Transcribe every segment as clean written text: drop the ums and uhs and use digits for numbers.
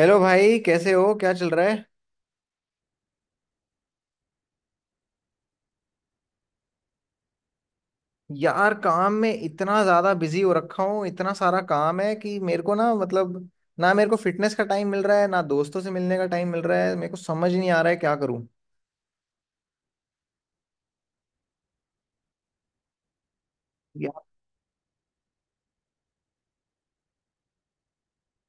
Hello भाई, कैसे हो? क्या चल रहा है? यार, काम में इतना ज्यादा बिजी हो रखा हूँ, इतना सारा काम है कि मेरे को, ना, मतलब, ना, मेरे को फिटनेस का टाइम मिल रहा है, ना दोस्तों से मिलने का टाइम मिल रहा है। मेरे को समझ ही नहीं आ रहा है क्या करूँ। यार,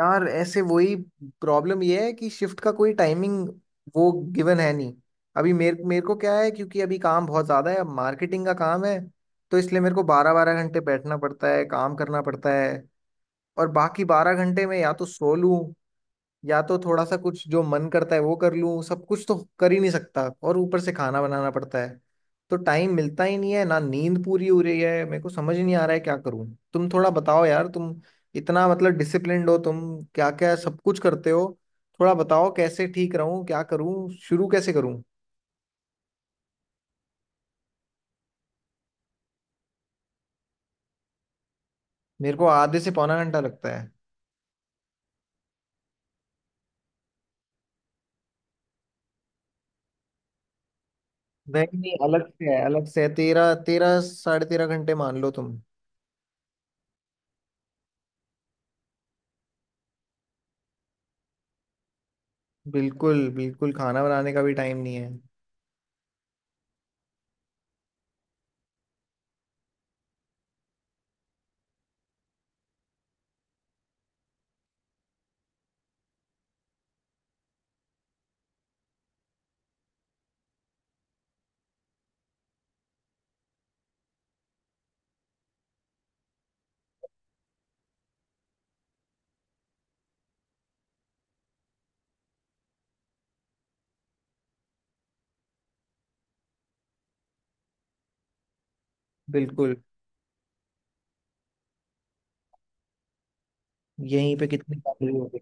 यार, ऐसे वही प्रॉब्लम ये है कि शिफ्ट का कोई टाइमिंग, वो गिवन है नहीं। अभी मेरे मेरे को क्या है, क्योंकि अभी काम बहुत ज्यादा है, मार्केटिंग का काम है, तो इसलिए मेरे को बारह बारह घंटे बैठना पड़ता है, काम करना पड़ता है। और बाकी 12 घंटे में या तो सो लूँ, या तो थोड़ा सा कुछ जो मन करता है वो कर लूं, सब कुछ तो कर ही नहीं सकता। और ऊपर से खाना बनाना पड़ता है। तो टाइम मिलता ही नहीं है, ना नींद पूरी हो रही है। मेरे को समझ ही नहीं आ रहा है क्या करूं। तुम थोड़ा बताओ यार, तुम इतना मतलब डिसिप्लिन्ड हो, तुम क्या क्या सब कुछ करते हो? थोड़ा बताओ कैसे ठीक रहूं, क्या करूं, शुरू कैसे करूं? मेरे को आधे से पौना घंटा लगता है। नहीं नहीं, अलग से है, अलग से है, तेरह, तेरह साढ़े तेरह घंटे मान लो तुम। बिल्कुल बिल्कुल, खाना बनाने का भी टाइम नहीं है। बिल्कुल। यहीं पे कितनी बातें हो गई।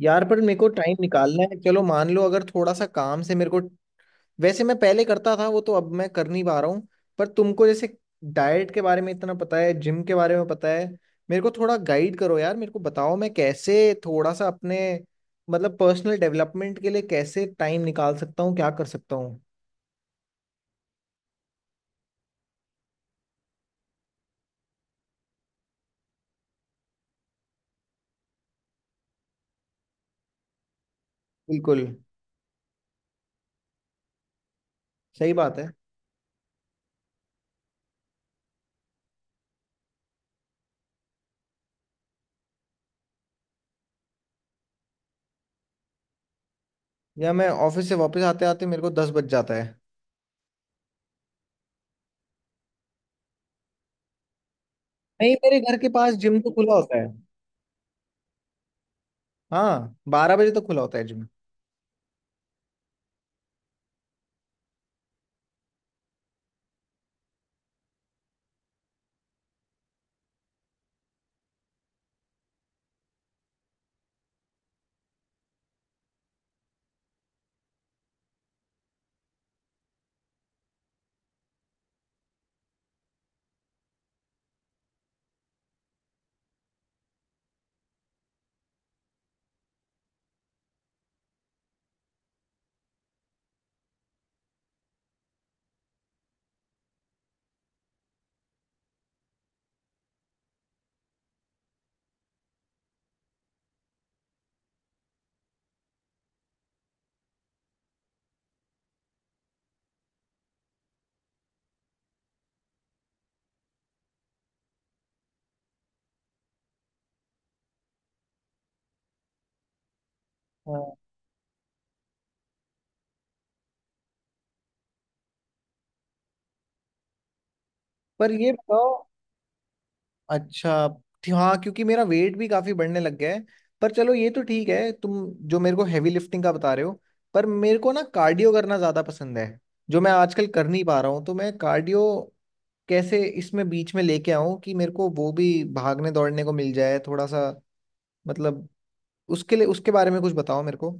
यार, पर मेरे को टाइम निकालना है, चलो मान लो अगर थोड़ा सा काम से मेरे को। वैसे मैं पहले करता था, वो तो अब मैं कर नहीं पा रहा हूँ। पर तुमको जैसे डाइट के बारे में इतना पता है, जिम के बारे में पता है, मेरे को थोड़ा गाइड करो यार, मेरे को बताओ मैं कैसे थोड़ा सा अपने, मतलब पर्सनल डेवलपमेंट के लिए, कैसे टाइम निकाल सकता हूँ, क्या कर सकता हूँ? बिल्कुल। सही बात है। या मैं ऑफिस से वापस आते आते मेरे को 10 बज जाता है। नहीं, मेरे घर के पास जिम तो खुला होता है। हाँ, 12 बजे तो खुला होता है। जिम। पर ये बताओ, अच्छा, हाँ, क्योंकि मेरा वेट भी काफी बढ़ने लग गया है। पर चलो ये तो ठीक है, तुम जो मेरे को हैवी लिफ्टिंग का बता रहे हो, पर मेरे को ना कार्डियो करना ज्यादा पसंद है, जो मैं आजकल कर नहीं पा रहा हूँ। तो मैं कार्डियो कैसे इसमें बीच में लेके आऊँ, कि मेरे को वो भी भागने दौड़ने को मिल जाए थोड़ा सा, मतलब उसके लिए, उसके बारे में कुछ बताओ मेरे को।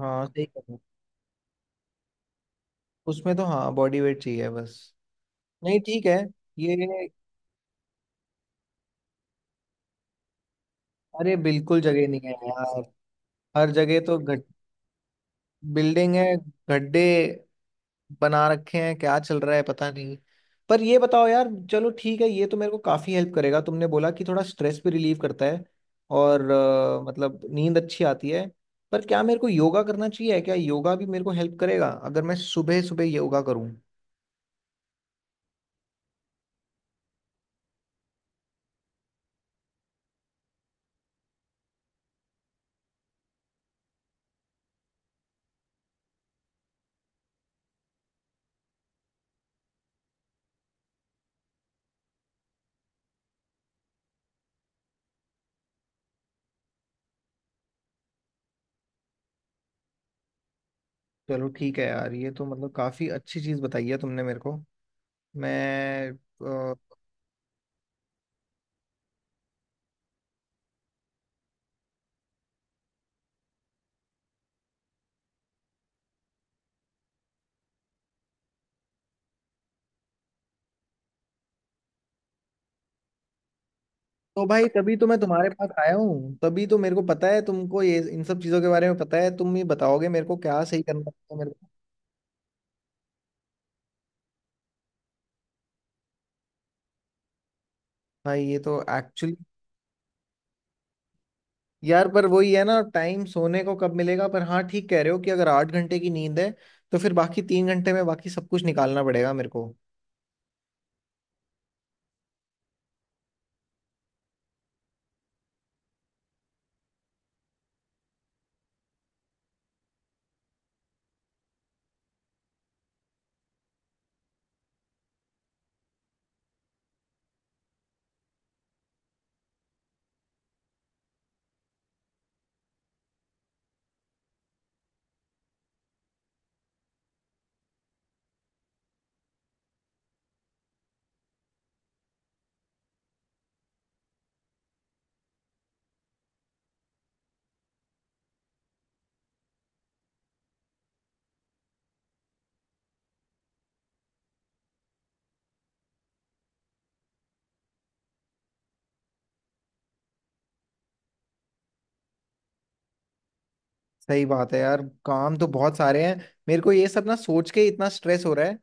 हाँ, सही कह रहे हो। उसमें तो हाँ, बॉडी वेट चाहिए बस। नहीं, ठीक है। ये अरे, बिल्कुल जगह नहीं है यार। हर जगह तो घट, बिल्डिंग है, गड्ढे बना रखे हैं, क्या चल रहा है, पता नहीं। पर ये बताओ यार, चलो ठीक है, ये तो मेरे को काफी हेल्प करेगा, तुमने बोला कि थोड़ा स्ट्रेस भी रिलीव करता है, और मतलब नींद अच्छी आती है। पर क्या मेरे को योगा करना चाहिए? क्या योगा भी मेरे को हेल्प करेगा अगर मैं सुबह सुबह योगा करूं? चलो ठीक है यार, ये तो मतलब काफी अच्छी चीज बताई है तुमने मेरे को। मैं तो भाई, तभी तो मैं तुम्हारे पास आया हूँ, तभी तो मेरे को पता है तुमको ये, इन सब चीजों के बारे में पता है, तुम ही बताओगे मेरे को क्या सही करना है तो मेरे को। भाई ये तो एक्चुअली। यार पर वही है ना, टाइम सोने को कब मिलेगा? पर हाँ ठीक कह रहे हो कि अगर 8 घंटे की नींद है, तो फिर बाकी 3 घंटे में बाकी सब कुछ निकालना पड़ेगा मेरे को। सही बात है यार, काम तो बहुत सारे हैं। मेरे को ये सब ना सोच के इतना स्ट्रेस हो रहा है,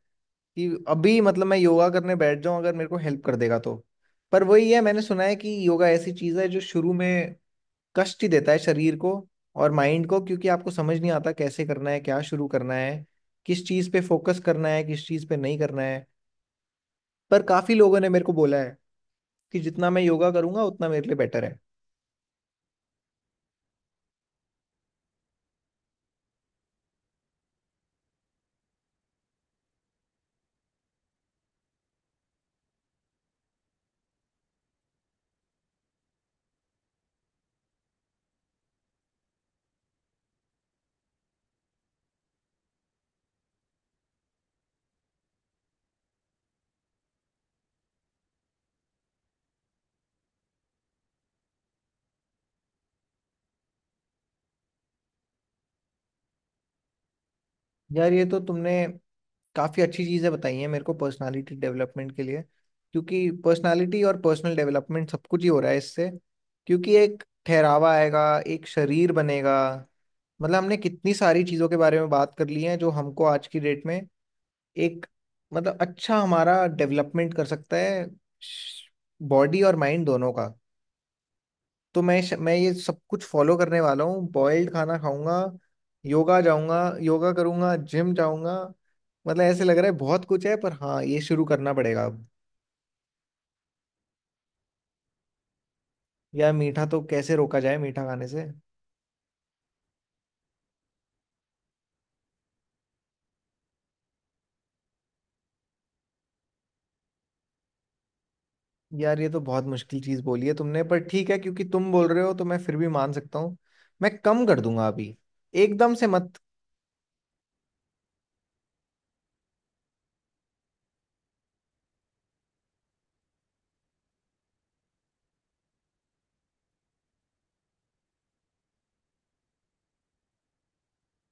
कि अभी मतलब मैं योगा करने बैठ जाऊं अगर मेरे को हेल्प कर देगा तो। पर वही है, मैंने सुना है कि योगा ऐसी चीज है जो शुरू में कष्ट ही देता है शरीर को और माइंड को, क्योंकि आपको समझ नहीं आता कैसे करना है, क्या शुरू करना है, किस चीज पे फोकस करना है, किस चीज पे नहीं करना है। पर काफी लोगों ने मेरे को बोला है कि जितना मैं योगा करूंगा उतना मेरे लिए बेटर है। यार ये तो तुमने काफी अच्छी चीजें बताई हैं मेरे को, पर्सनालिटी डेवलपमेंट के लिए, क्योंकि पर्सनालिटी और पर्सनल डेवलपमेंट सब कुछ ही हो रहा है इससे। क्योंकि एक ठहरावा आएगा, एक शरीर बनेगा। मतलब हमने कितनी सारी चीजों के बारे में बात कर ली है जो हमको आज की डेट में एक, मतलब अच्छा हमारा डेवलपमेंट कर सकता है, बॉडी और माइंड दोनों का। तो मैं ये सब कुछ फॉलो करने वाला हूँ, बॉइल्ड खाना खाऊंगा, योगा जाऊंगा, योगा करूंगा, जिम जाऊंगा। मतलब ऐसे लग रहा है बहुत कुछ है, पर हाँ ये शुरू करना पड़ेगा अब। यार मीठा तो कैसे रोका जाए, मीठा खाने से? यार ये तो बहुत मुश्किल चीज़ बोली है तुमने, पर ठीक है, क्योंकि तुम बोल रहे हो तो मैं फिर भी मान सकता हूँ। मैं कम कर दूंगा अभी, एकदम से मत।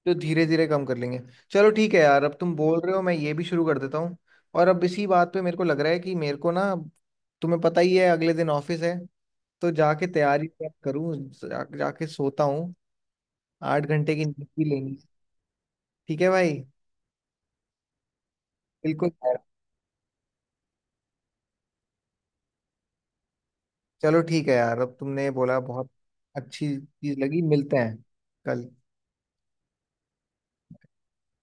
तो धीरे धीरे कम कर लेंगे। चलो ठीक है यार, अब तुम बोल रहे हो मैं ये भी शुरू कर देता हूँ। और अब इसी बात पे मेरे को लग रहा है कि मेरे को ना, तुम्हें पता ही है अगले दिन ऑफिस है, तो जाके तैयारी वैयारी करूँ, जाके सोता हूँ। 8 घंटे की नींद भी लेनी है। ठीक है भाई। बिल्कुल यार। चलो ठीक है यार, अब तुमने बोला बहुत अच्छी चीज लगी, मिलते हैं कल।